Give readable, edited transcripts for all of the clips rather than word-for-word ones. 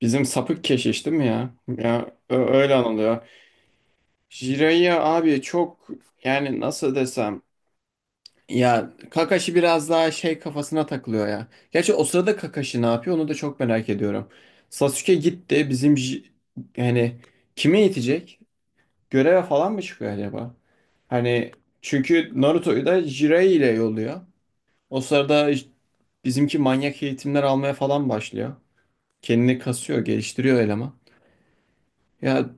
Bizim sapık keşiş değil mi ya? Ya öyle anılıyor. Jiraiya abi çok yani nasıl desem ya Kakashi biraz daha şey kafasına takılıyor ya. Gerçi o sırada Kakashi ne yapıyor onu da çok merak ediyorum. Sasuke gitti bizim yani kime yetecek? Göreve falan mı çıkıyor acaba? Hani çünkü Naruto'yu da Jiraiya ile yolluyor. O sırada bizimki manyak eğitimler almaya falan başlıyor. Kendini kasıyor, geliştiriyor eleman. Ya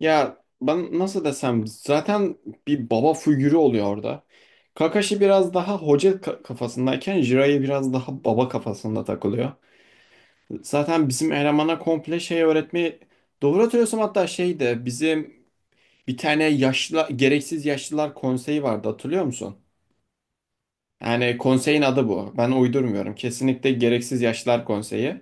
Ya ben nasıl desem zaten bir baba figürü oluyor orada. Kakashi biraz daha hoca kafasındayken Jiraiya biraz daha baba kafasında takılıyor. Zaten bizim elemana komple şey öğretmeyi doğru hatırlıyorsam hatta şeydi bizim bir tane yaşlı gereksiz yaşlılar konseyi vardı hatırlıyor musun? Yani konseyin adı bu. Ben uydurmuyorum. Kesinlikle Gereksiz Yaşlar Konseyi.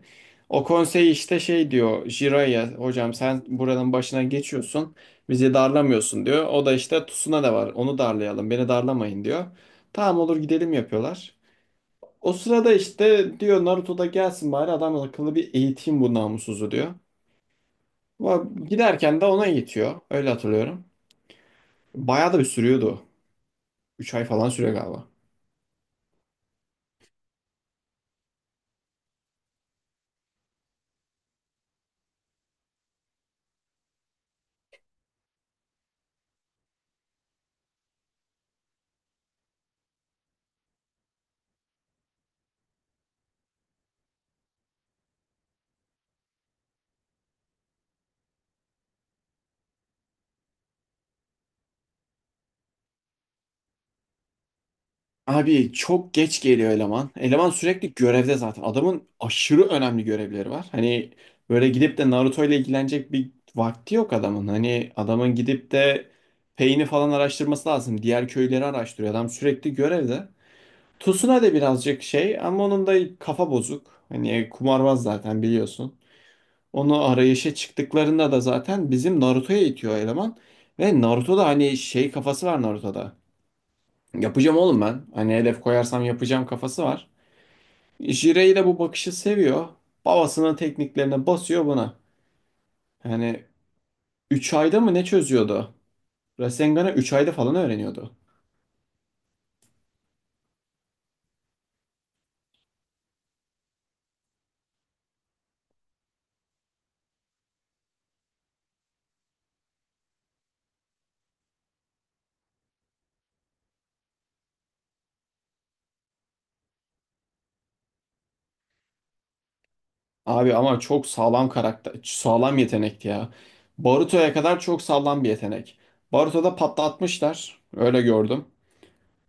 O konsey işte şey diyor Jiraiya hocam sen buranın başına geçiyorsun. Bizi darlamıyorsun diyor. O da işte Tsuna da var. Onu darlayalım. Beni darlamayın diyor. Tamam olur gidelim yapıyorlar. O sırada işte diyor Naruto da gelsin bari adam akıllı bir eğiteyim bu namussuzu diyor. Giderken de ona eğitiyor. Öyle hatırlıyorum. Bayağı da bir sürüyordu. 3 ay falan sürüyor galiba. Abi çok geç geliyor eleman. Eleman sürekli görevde zaten. Adamın aşırı önemli görevleri var. Hani böyle gidip de Naruto ile ilgilenecek bir vakti yok adamın. Hani adamın gidip de Pain'i falan araştırması lazım. Diğer köyleri araştırıyor. Adam sürekli görevde. Tsunade de birazcık şey ama onun da kafa bozuk. Hani kumarbaz zaten biliyorsun. Onu arayışa çıktıklarında da zaten bizim Naruto'ya itiyor eleman. Ve Naruto'da hani şey kafası var Naruto'da. Yapacağım oğlum ben. Hani hedef koyarsam yapacağım kafası var. Jirey de bu bakışı seviyor. Babasının tekniklerine basıyor buna. Yani 3 ayda mı ne çözüyordu? Rasengan'ı 3 ayda falan öğreniyordu. Abi ama çok sağlam karakter, sağlam yetenekti ya. Baruto'ya kadar çok sağlam bir yetenek. Baruto'da patlatmışlar. Öyle gördüm.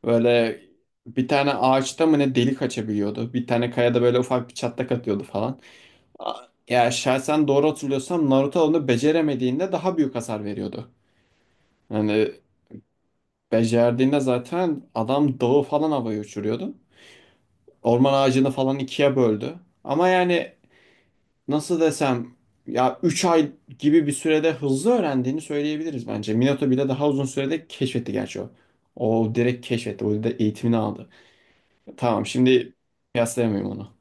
Böyle bir tane ağaçta mı ne delik açabiliyordu. Bir tane kayada böyle ufak bir çatlak atıyordu falan. A- Ya şahsen doğru hatırlıyorsam Naruto onu beceremediğinde daha büyük hasar veriyordu. Yani becerdiğinde zaten adam dağı falan havaya uçuruyordu. Orman ağacını falan ikiye böldü. Ama yani nasıl desem ya 3 ay gibi bir sürede hızlı öğrendiğini söyleyebiliriz bence. Minato bile daha uzun sürede keşfetti gerçi o. O direkt keşfetti. O da eğitimini aldı. Tamam şimdi kıyaslayamıyorum onu.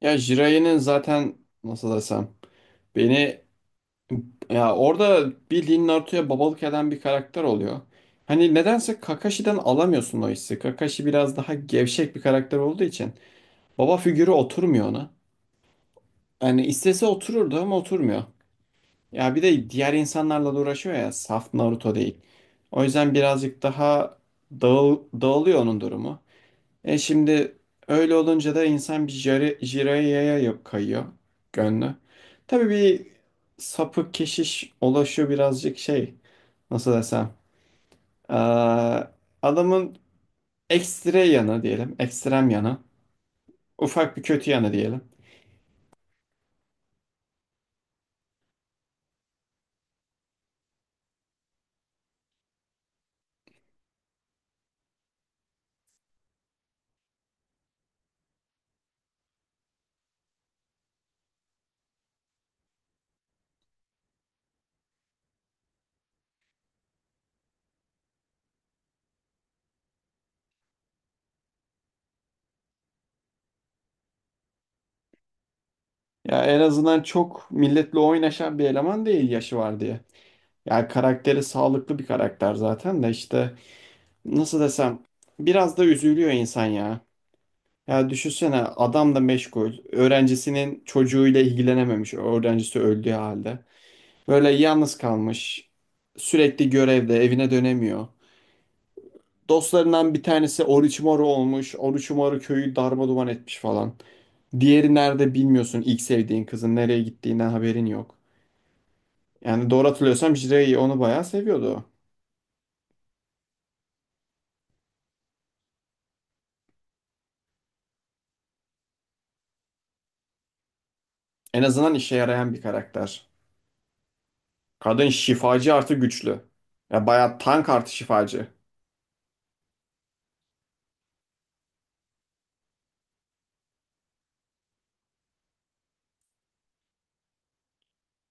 Ya Jiraiya'nın zaten nasıl desem beni ya orada bildiğin Naruto'ya babalık eden bir karakter oluyor. Hani nedense Kakashi'den alamıyorsun o hissi. Kakashi biraz daha gevşek bir karakter olduğu için baba figürü oturmuyor ona. Yani istese otururdu ama oturmuyor. Ya bir de diğer insanlarla da uğraşıyor ya saf Naruto değil. O yüzden birazcık daha dağılıyor onun durumu. E şimdi öyle olunca da insan bir Jiraiya yok kayıyor gönlü. Tabii bir sapık keşiş ulaşıyor birazcık şey nasıl desem. Aa, adamın ekstre yanı diyelim ekstrem yanı ufak bir kötü yanı diyelim. Ya en azından çok milletle oynaşan bir eleman değil yaşı var diye. Yani karakteri sağlıklı bir karakter zaten de işte nasıl desem biraz da üzülüyor insan ya. Ya düşünsene adam da meşgul. Öğrencisinin çocuğuyla ilgilenememiş. Öğrencisi öldüğü halde. Böyle yalnız kalmış. Sürekli görevde evine dönemiyor. Dostlarından bir tanesi Orochimaru olmuş. Orochimaru köyü darmaduman etmiş falan. Diğeri nerede bilmiyorsun. İlk sevdiğin kızın nereye gittiğinden haberin yok. Yani doğru hatırlıyorsam Jiraiya onu bayağı seviyordu. En azından işe yarayan bir karakter. Kadın şifacı artı güçlü. Ya bayağı tank artı şifacı.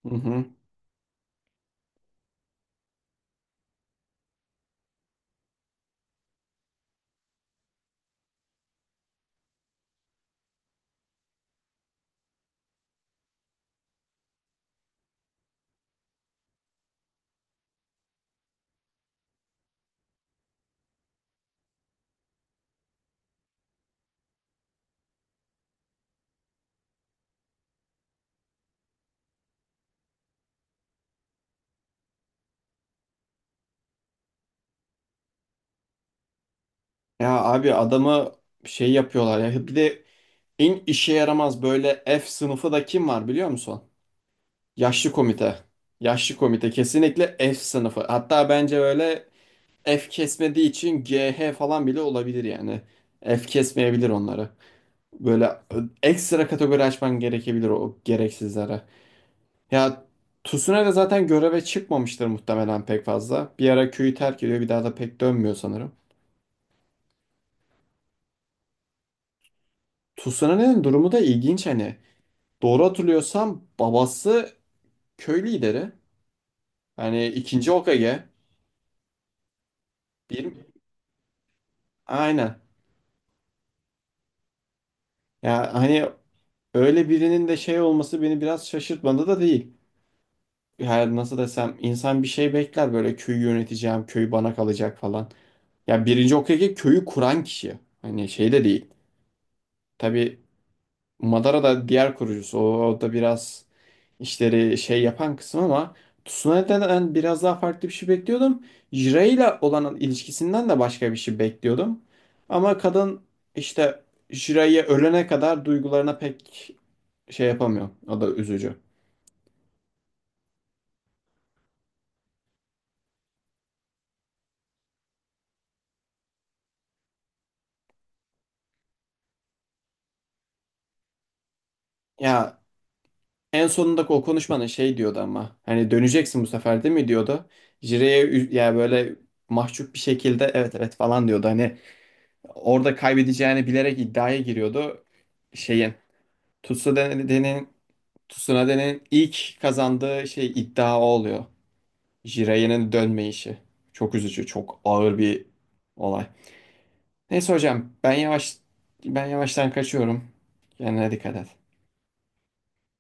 Hı hı. Ya abi adamı şey yapıyorlar ya. Bir de en işe yaramaz böyle F sınıfı da kim var biliyor musun? Yaşlı komite. Yaşlı komite kesinlikle F sınıfı. Hatta bence böyle F kesmediği için GH falan bile olabilir yani. F kesmeyebilir onları. Böyle ekstra kategori açman gerekebilir o gereksizlere. Ya Tsunade zaten göreve çıkmamıştır muhtemelen pek fazla. Bir ara köyü terk ediyor bir daha da pek dönmüyor sanırım. Tsunade'nin durumu da ilginç hani. Doğru hatırlıyorsam babası köy lideri. Hani ikinci Hokage. Bir... Aynen. Ya hani öyle birinin de şey olması beni biraz şaşırtmadı da değil. Yani nasıl desem insan bir şey bekler böyle köyü yöneteceğim, köy bana kalacak falan. Ya birinci Hokage köyü kuran kişi. Hani şey de değil. Tabii Madara da diğer kurucusu. O da biraz işleri şey yapan kısım ama Tsunade'den biraz daha farklı bir şey bekliyordum. Jiraiya ile olan ilişkisinden de başka bir şey bekliyordum. Ama kadın işte Jiraiya ölene kadar duygularına pek şey yapamıyor. O da üzücü. Ya en sonundaki o konuşmanın şey diyordu ama hani döneceksin bu sefer değil mi diyordu. Jireye ya böyle mahcup bir şekilde evet evet falan diyordu. Hani orada kaybedeceğini bilerek iddiaya giriyordu. Şeyin Tsunade'nin Tsunade'nin ilk kazandığı şey iddia o oluyor. Jireye'nin dönme işi. Çok üzücü, çok ağır bir olay. Neyse hocam ben yavaştan kaçıyorum. Kendine dikkat et.